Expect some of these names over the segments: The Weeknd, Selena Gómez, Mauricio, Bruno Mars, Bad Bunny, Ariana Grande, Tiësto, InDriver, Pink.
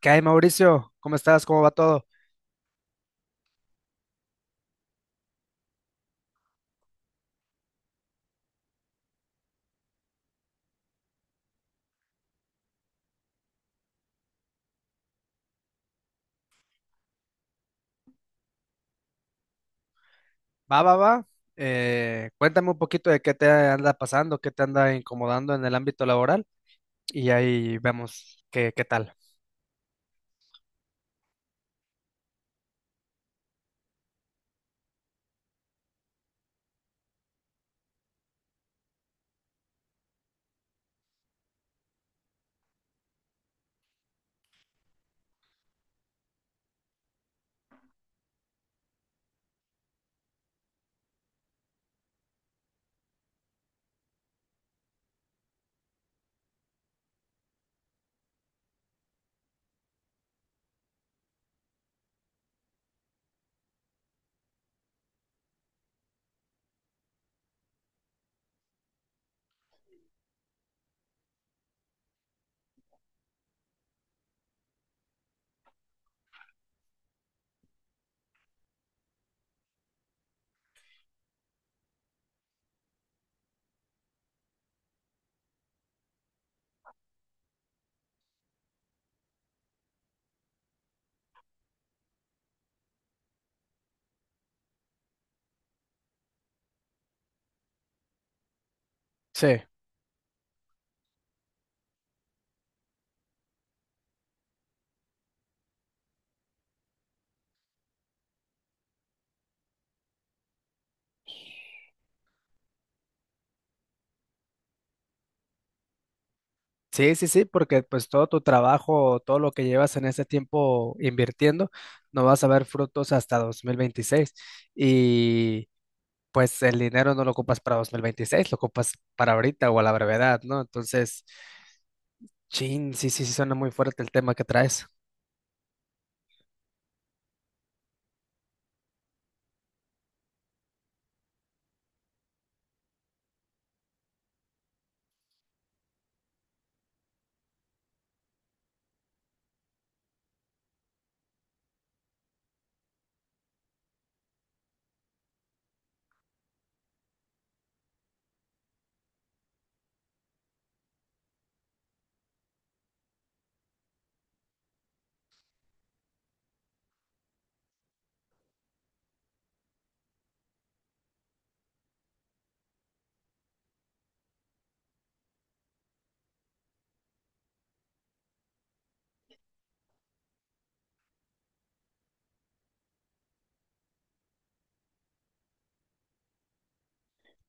¿Qué hay, Mauricio? ¿Cómo estás? ¿Cómo va todo? Va, va, va. Cuéntame un poquito de qué te anda pasando, qué te anda incomodando en el ámbito laboral y ahí vemos qué tal. Sí, sí, sí, sí, porque pues todo tu trabajo, todo lo que llevas en ese tiempo invirtiendo, no vas a ver frutos hasta 2026 y pues el dinero no lo ocupas para 2026, lo ocupas para ahorita o a la brevedad, ¿no? Entonces, chin, sí, sí, sí, suena muy fuerte el tema que traes.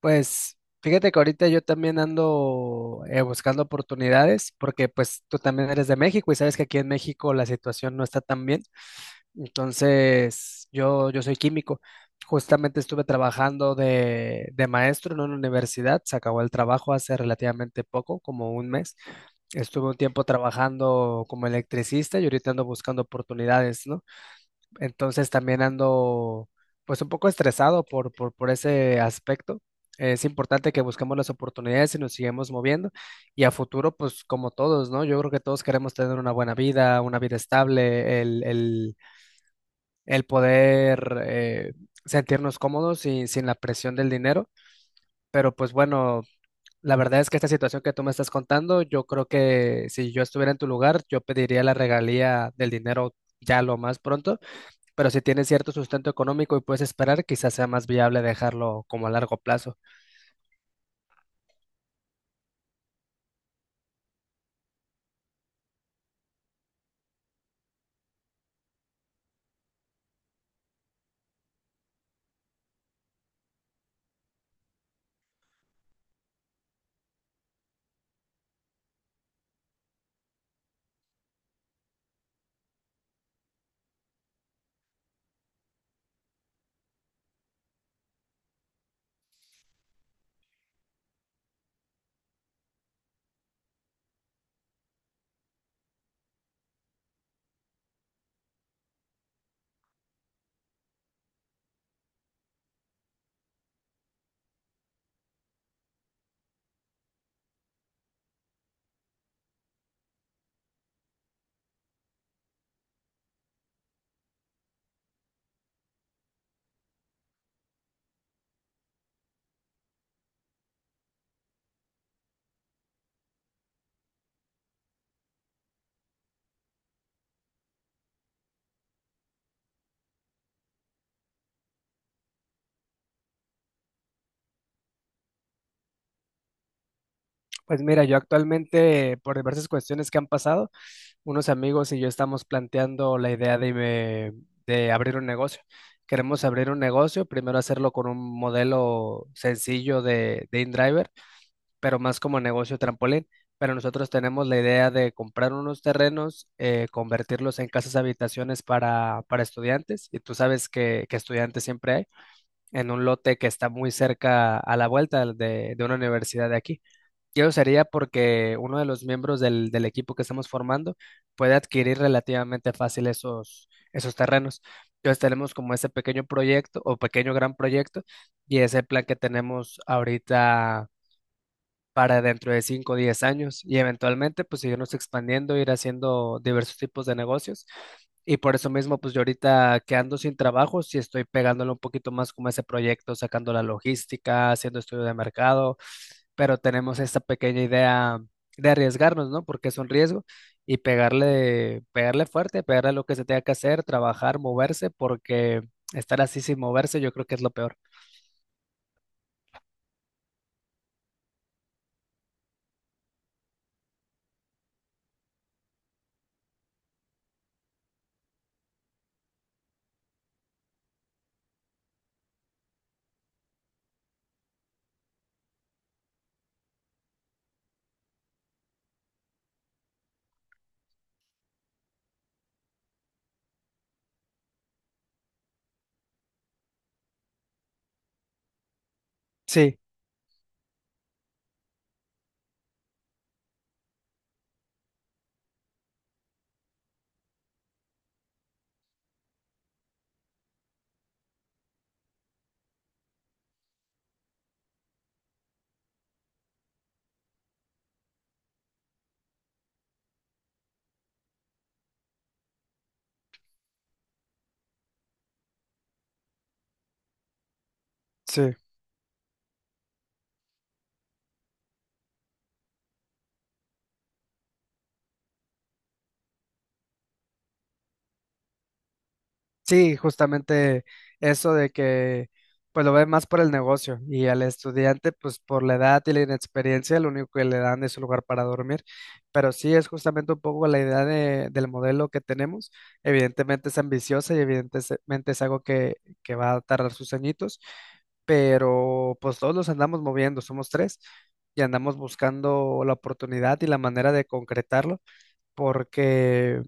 Pues fíjate que ahorita yo también ando buscando oportunidades porque pues tú también eres de México y sabes que aquí en México la situación no está tan bien. Entonces yo soy químico. Justamente estuve trabajando de maestro en una universidad. Se acabó el trabajo hace relativamente poco, como un mes. Estuve un tiempo trabajando como electricista y ahorita ando buscando oportunidades, ¿no? Entonces también ando pues un poco estresado por ese aspecto. Es importante que busquemos las oportunidades y nos sigamos moviendo. Y a futuro, pues como todos, ¿no? Yo creo que todos queremos tener una buena vida, una vida estable, el poder sentirnos cómodos y sin la presión del dinero. Pero pues bueno, la verdad es que esta situación que tú me estás contando, yo creo que si yo estuviera en tu lugar, yo pediría la regalía del dinero ya lo más pronto, pero si tienes cierto sustento económico y puedes esperar, quizás sea más viable dejarlo como a largo plazo. Pues mira, yo actualmente, por diversas cuestiones que han pasado, unos amigos y yo estamos planteando la idea de abrir un negocio. Queremos abrir un negocio, primero hacerlo con un modelo sencillo de InDriver, pero más como negocio trampolín. Pero nosotros tenemos la idea de comprar unos terrenos, convertirlos en casas habitaciones para estudiantes, y tú sabes que estudiantes siempre hay, en un lote que está muy cerca a la vuelta de una universidad de aquí. Yo sería porque uno de los miembros del equipo que estamos formando puede adquirir relativamente fácil esos terrenos. Entonces tenemos como ese pequeño proyecto o pequeño gran proyecto, y ese plan que tenemos ahorita para dentro de cinco o 10 años y eventualmente pues seguirnos expandiendo, ir haciendo diversos tipos de negocios. Y por eso mismo, pues yo ahorita quedando sin trabajo, sí estoy pegándole un poquito más como a ese proyecto, sacando la logística, haciendo estudio de mercado, pero tenemos esta pequeña idea de arriesgarnos, ¿no? Porque es un riesgo y pegarle, pegarle fuerte, pegarle lo que se tenga que hacer, trabajar, moverse, porque estar así sin moverse yo creo que es lo peor. Sí, sí. Sí, justamente eso de que pues lo ve más por el negocio y al estudiante pues por la edad y la inexperiencia lo único que le dan es un lugar para dormir, pero sí es justamente un poco la idea del modelo que tenemos, evidentemente es ambiciosa y evidentemente es algo que va a tardar sus añitos, pero pues todos los andamos moviendo, somos tres y andamos buscando la oportunidad y la manera de concretarlo, porque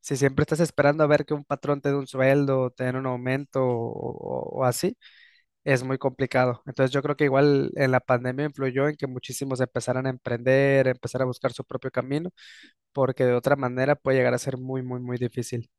si siempre estás esperando a ver que un patrón te dé un sueldo, te den un aumento o así, es muy complicado. Entonces yo creo que igual en la pandemia influyó en que muchísimos empezaran a emprender, empezar a buscar su propio camino, porque de otra manera puede llegar a ser muy, muy, muy difícil.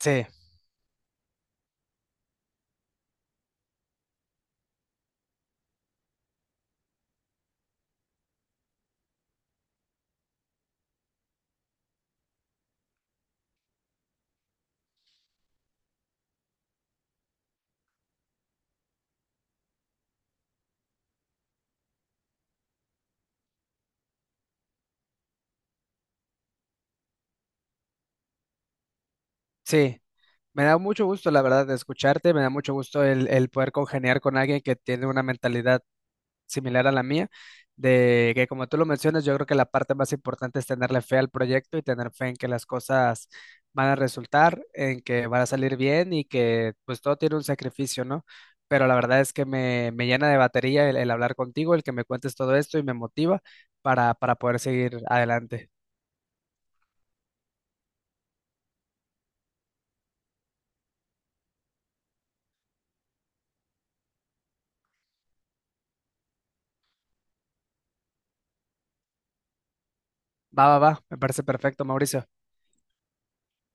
Sí, sí. Me da mucho gusto, la verdad, de escucharte, me da mucho gusto el poder congeniar con alguien que tiene una mentalidad similar a la mía, de que como tú lo mencionas, yo creo que la parte más importante es tenerle fe al proyecto y tener fe en que las cosas van a resultar, en que van a salir bien y que pues todo tiene un sacrificio, ¿no? Pero la verdad es que me llena de batería el hablar contigo, el que me cuentes todo esto y me motiva para poder seguir adelante. Va, va, va, me parece perfecto, Mauricio.